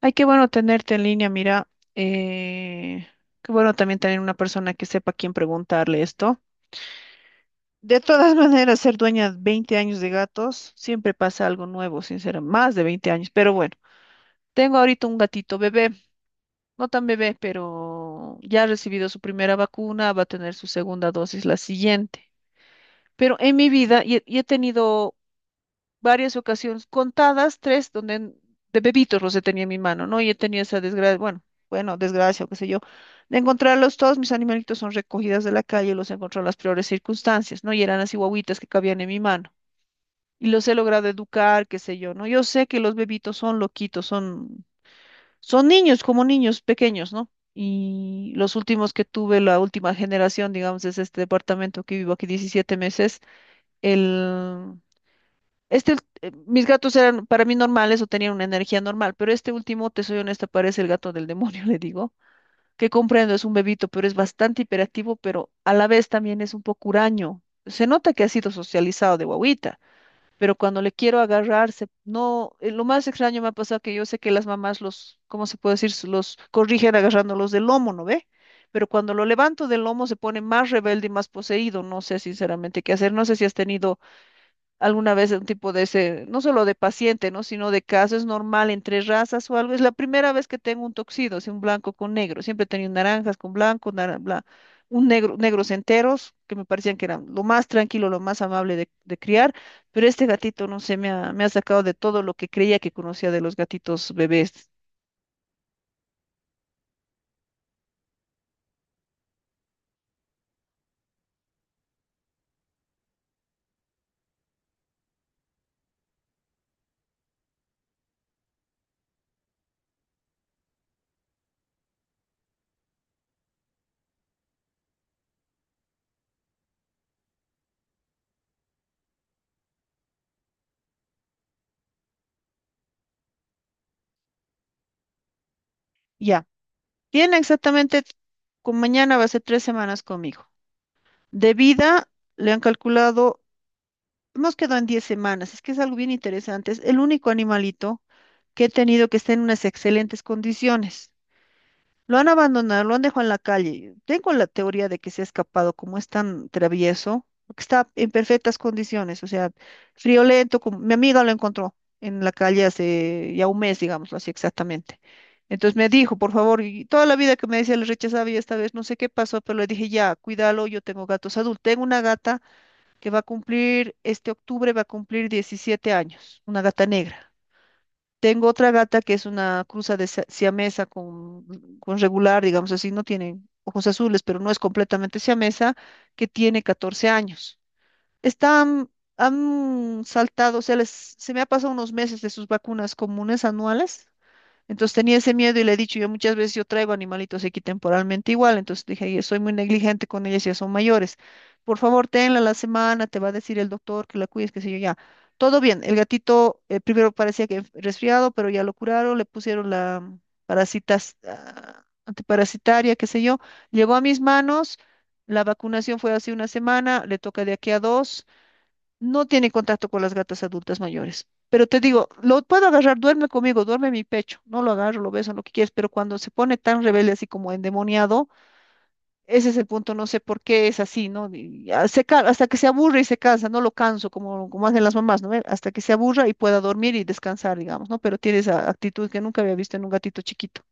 Ay, qué bueno tenerte en línea, mira. eh, Qué bueno también tener una persona que sepa a quién preguntarle esto. De todas maneras, ser dueña de 20 años de gatos, siempre pasa algo nuevo, sinceramente, más de 20 años. Pero bueno, tengo ahorita un gatito bebé, no tan bebé, pero ya ha recibido su primera vacuna, va a tener su segunda dosis la siguiente. Pero en mi vida, y he tenido varias ocasiones, contadas, tres, donde de bebitos los he tenido en mi mano, ¿no? Y he tenido esa desgracia, bueno, bueno, desgracia o qué sé yo, de encontrarlos todos, mis animalitos son recogidas de la calle, los he encontrado en las peores circunstancias, ¿no? Y eran así guaguitas que cabían en mi mano. Y los he logrado educar, qué sé yo, ¿no? Yo sé que los bebitos son loquitos, son niños, como niños pequeños, ¿no? Y los últimos que tuve, la última generación, digamos, es este departamento que vivo aquí 17 meses, el mis gatos eran para mí normales o tenían una energía normal, pero este último, te soy honesta, parece el gato del demonio, le digo, que comprendo, es un bebito, pero es bastante hiperactivo, pero a la vez también es un poco huraño. Se nota que ha sido socializado de guagüita, pero cuando le quiero agarrarse, no, lo más extraño me ha pasado que yo sé que las mamás los, ¿cómo se puede decir? Los corrigen agarrándolos del lomo, ¿no ve? Pero cuando lo levanto del lomo se pone más rebelde y más poseído. No sé sinceramente qué hacer. No sé si has tenido alguna vez un tipo de ese, no solo de paciente, ¿no? Sino de caso, es normal entre razas o algo. Es la primera vez que tengo un toxido, así un blanco con negro. Siempre he tenido naranjas con blanco, un negro, negros enteros, que me parecían que eran lo más tranquilo, lo más amable de criar. Pero este gatito, no sé, me ha sacado de todo lo que creía que conocía de los gatitos bebés. Ya. Tiene exactamente, con mañana va a ser 3 semanas conmigo. De vida, le han calculado. Hemos quedado en 10 semanas, es que es algo bien interesante. Es el único animalito que he tenido que está en unas excelentes condiciones. Lo han abandonado, lo han dejado en la calle. Tengo la teoría de que se ha escapado, como es tan travieso, porque está en perfectas condiciones, o sea, friolento, como mi amiga lo encontró en la calle hace ya un mes, digámoslo así exactamente. Entonces me dijo, por favor, y toda la vida que me decía le rechazaba y esta vez no sé qué pasó, pero le dije, ya, cuídalo, yo tengo gatos adultos. Tengo una gata que va a cumplir, este octubre va a cumplir 17 años, una gata negra. Tengo otra gata que es una cruza de siamesa con regular, digamos así, no tiene ojos azules, pero no es completamente siamesa, que tiene 14 años. Están, han saltado, o sea, se me ha pasado unos meses de sus vacunas comunes anuales, entonces tenía ese miedo y le he dicho, yo muchas veces yo traigo animalitos aquí temporalmente igual, entonces dije, "Yo soy muy negligente con ellas, ya son mayores. Por favor, tenla la semana, te va a decir el doctor que la cuides, qué sé yo, ya". Todo bien, el gatito primero parecía que resfriado, pero ya lo curaron, le pusieron la parasitas, ah, antiparasitaria, qué sé yo. Llegó a mis manos, la vacunación fue hace una semana, le toca de aquí a dos. No tiene contacto con las gatas adultas mayores. Pero te digo, lo puedo agarrar, duerme conmigo, duerme en mi pecho. No lo agarro, lo beso, lo que quieras, pero cuando se pone tan rebelde, así como endemoniado, ese es el punto, no sé por qué es así, ¿no? Y hasta que se aburre y se cansa, no lo canso, como hacen las mamás, ¿no? Hasta que se aburra y pueda dormir y descansar, digamos, ¿no? Pero tiene esa actitud que nunca había visto en un gatito chiquito.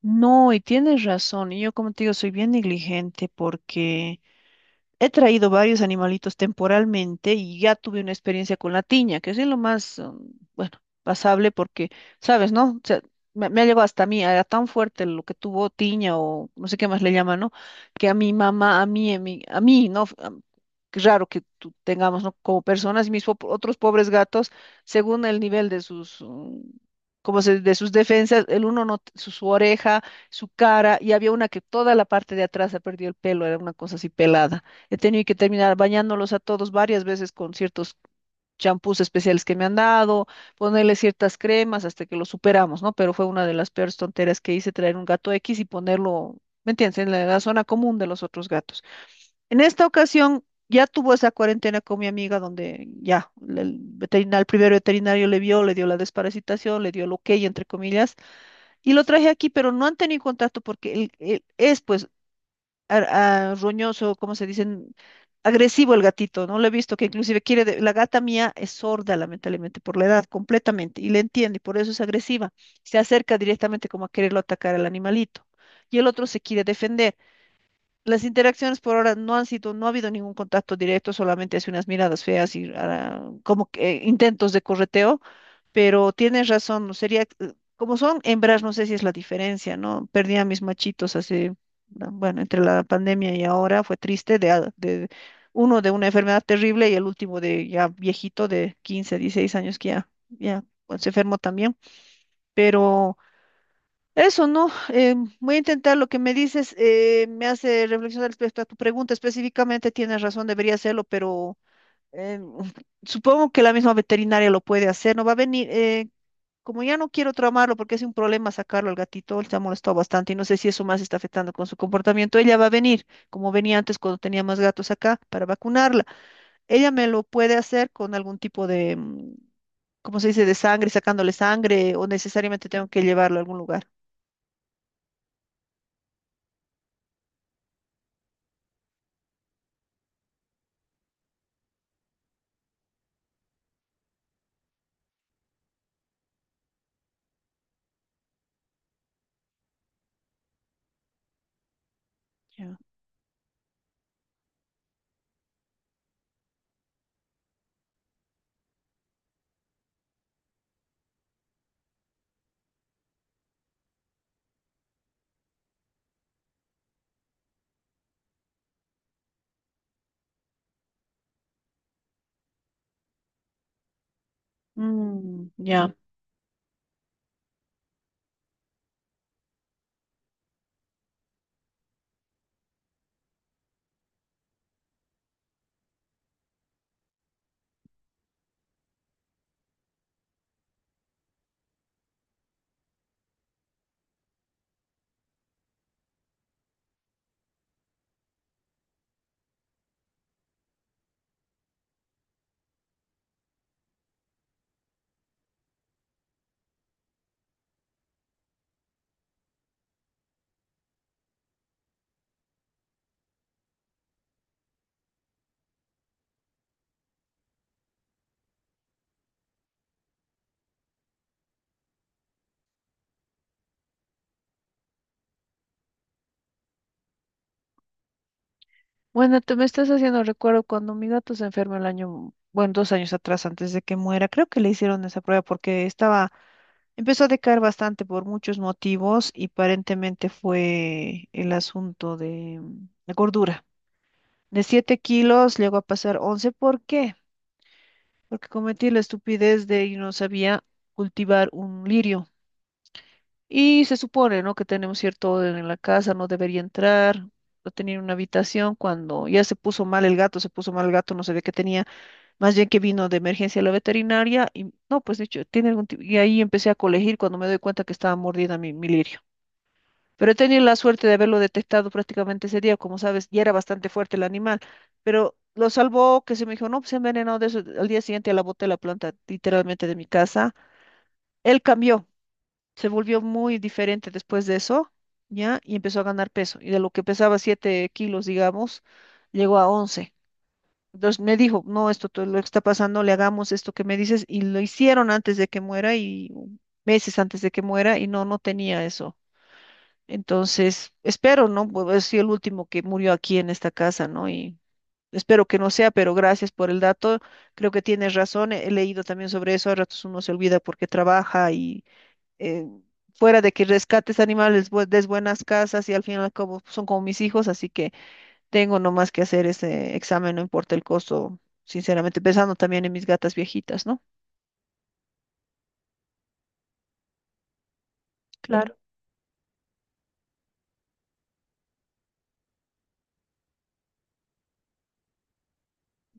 No, y tienes razón. Y yo, como te digo, soy bien negligente porque he traído varios animalitos temporalmente y ya tuve una experiencia con la tiña, que es lo más, bueno, pasable porque, ¿sabes, no? O sea, me ha llevado hasta a mí, era tan fuerte lo que tuvo tiña o no sé qué más le llaman, ¿no? Que a mi mamá, a mí, ¿no? Qué raro que tengamos, ¿no? Como personas, y mis otros pobres gatos, según el nivel de sus, como se, de sus defensas, el uno no, su, su oreja, su cara, y había una que toda la parte de atrás ha perdido el pelo, era una cosa así pelada. He tenido que terminar bañándolos a todos varias veces con ciertos champús especiales que me han dado, ponerle ciertas cremas hasta que lo superamos, ¿no? Pero fue una de las peores tonteras que hice, traer un gato X y ponerlo, ¿me entiendes?, en la zona común de los otros gatos. En esta ocasión ya tuvo esa cuarentena con mi amiga donde ya el veterinario, el primer veterinario le vio, le dio la desparasitación, le dio el ok, entre comillas, y lo traje aquí, pero no han tenido contacto porque es pues roñoso, ¿cómo se dicen? Agresivo el gatito, ¿no? Lo he visto que inclusive quiere, de- la gata mía es sorda, lamentablemente, por la edad, completamente, y le entiende, y por eso es agresiva. Se acerca directamente como a quererlo atacar al animalito. Y el otro se quiere defender. Las interacciones por ahora no han sido, no ha habido ningún contacto directo, solamente hace unas miradas feas y ah, como que intentos de correteo, pero tienes razón, no sería, como son hembras, no sé si es la diferencia, ¿no? Perdí a mis machitos hace, ah, bueno, entre la pandemia y ahora, fue triste, de, a- de uno de una enfermedad terrible y el último de ya viejito de 15, 16 años que ya, ya pues, se enfermó también, pero... Eso, ¿no? Voy a intentar lo que me dices, me hace reflexionar respecto a tu pregunta específicamente, tienes razón, debería hacerlo, pero eh, supongo que la misma veterinaria lo puede hacer, ¿no? Va a venir, como ya no quiero traumarlo porque es un problema sacarlo al gatito, él se ha molestado bastante y no sé si eso más está afectando con su comportamiento, ella va a venir, como venía antes cuando tenía más gatos acá, para vacunarla. Ella me lo puede hacer con algún tipo de, ¿cómo se dice?, de sangre, sacándole sangre o necesariamente tengo que llevarlo a algún lugar. Mm, ya. Bueno, tú me estás haciendo recuerdo cuando mi gato se enfermó el año, bueno, dos años atrás, antes de que muera. Creo que le hicieron esa prueba porque estaba, empezó a decaer bastante por muchos motivos y aparentemente fue el asunto de, la gordura. De 7 kilos llegó a pasar 11. ¿Por qué? Porque cometí la estupidez de y no sabía cultivar un lirio. Y se supone, ¿no? Que tenemos cierto orden en la casa, no debería entrar, no tenía una habitación. Cuando ya se puso mal el gato, no sabía qué tenía, más bien que vino de emergencia a la veterinaria y no, pues dicho, tiene algún tipo. Y ahí empecé a colegir cuando me doy cuenta que estaba mordida mi lirio. Pero he tenido la suerte de haberlo detectado prácticamente ese día, como sabes, ya era bastante fuerte el animal, pero lo salvó que se me dijo, no, pues se ha envenenado de eso. Al día siguiente la boté la planta literalmente de mi casa. Él cambió, se volvió muy diferente después de eso, ¿ya? Y empezó a ganar peso. Y de lo que pesaba 7 kilos, digamos, llegó a once. Entonces me dijo, no, esto todo lo que está pasando, le hagamos esto que me dices. Y lo hicieron antes de que muera y meses antes de que muera y no, no tenía eso. Entonces, espero, ¿no? Pues es el último que murió aquí en esta casa, ¿no? Y espero que no sea, pero gracias por el dato. Creo que tienes razón. He leído también sobre eso. A ratos uno se olvida porque trabaja y eh, fuera de que rescates animales, des buenas casas y al final como son como mis hijos, así que tengo nomás que hacer ese examen, no importa el costo, sinceramente, pensando también en mis gatas viejitas, ¿no? Claro,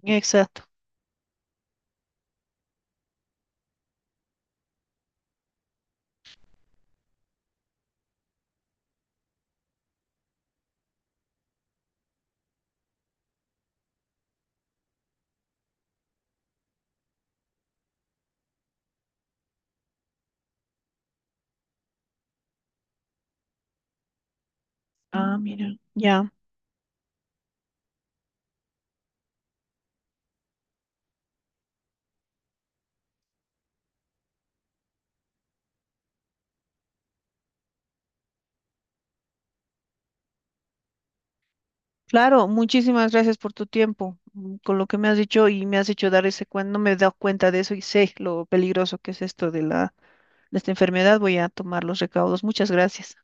exacto. Ah, mira, ya. Claro, muchísimas gracias por tu tiempo, con lo que me has dicho y me has hecho dar ese cuenta, no me he dado cuenta de eso y sé lo peligroso que es esto de la, de esta enfermedad, voy a tomar los recaudos. Muchas gracias.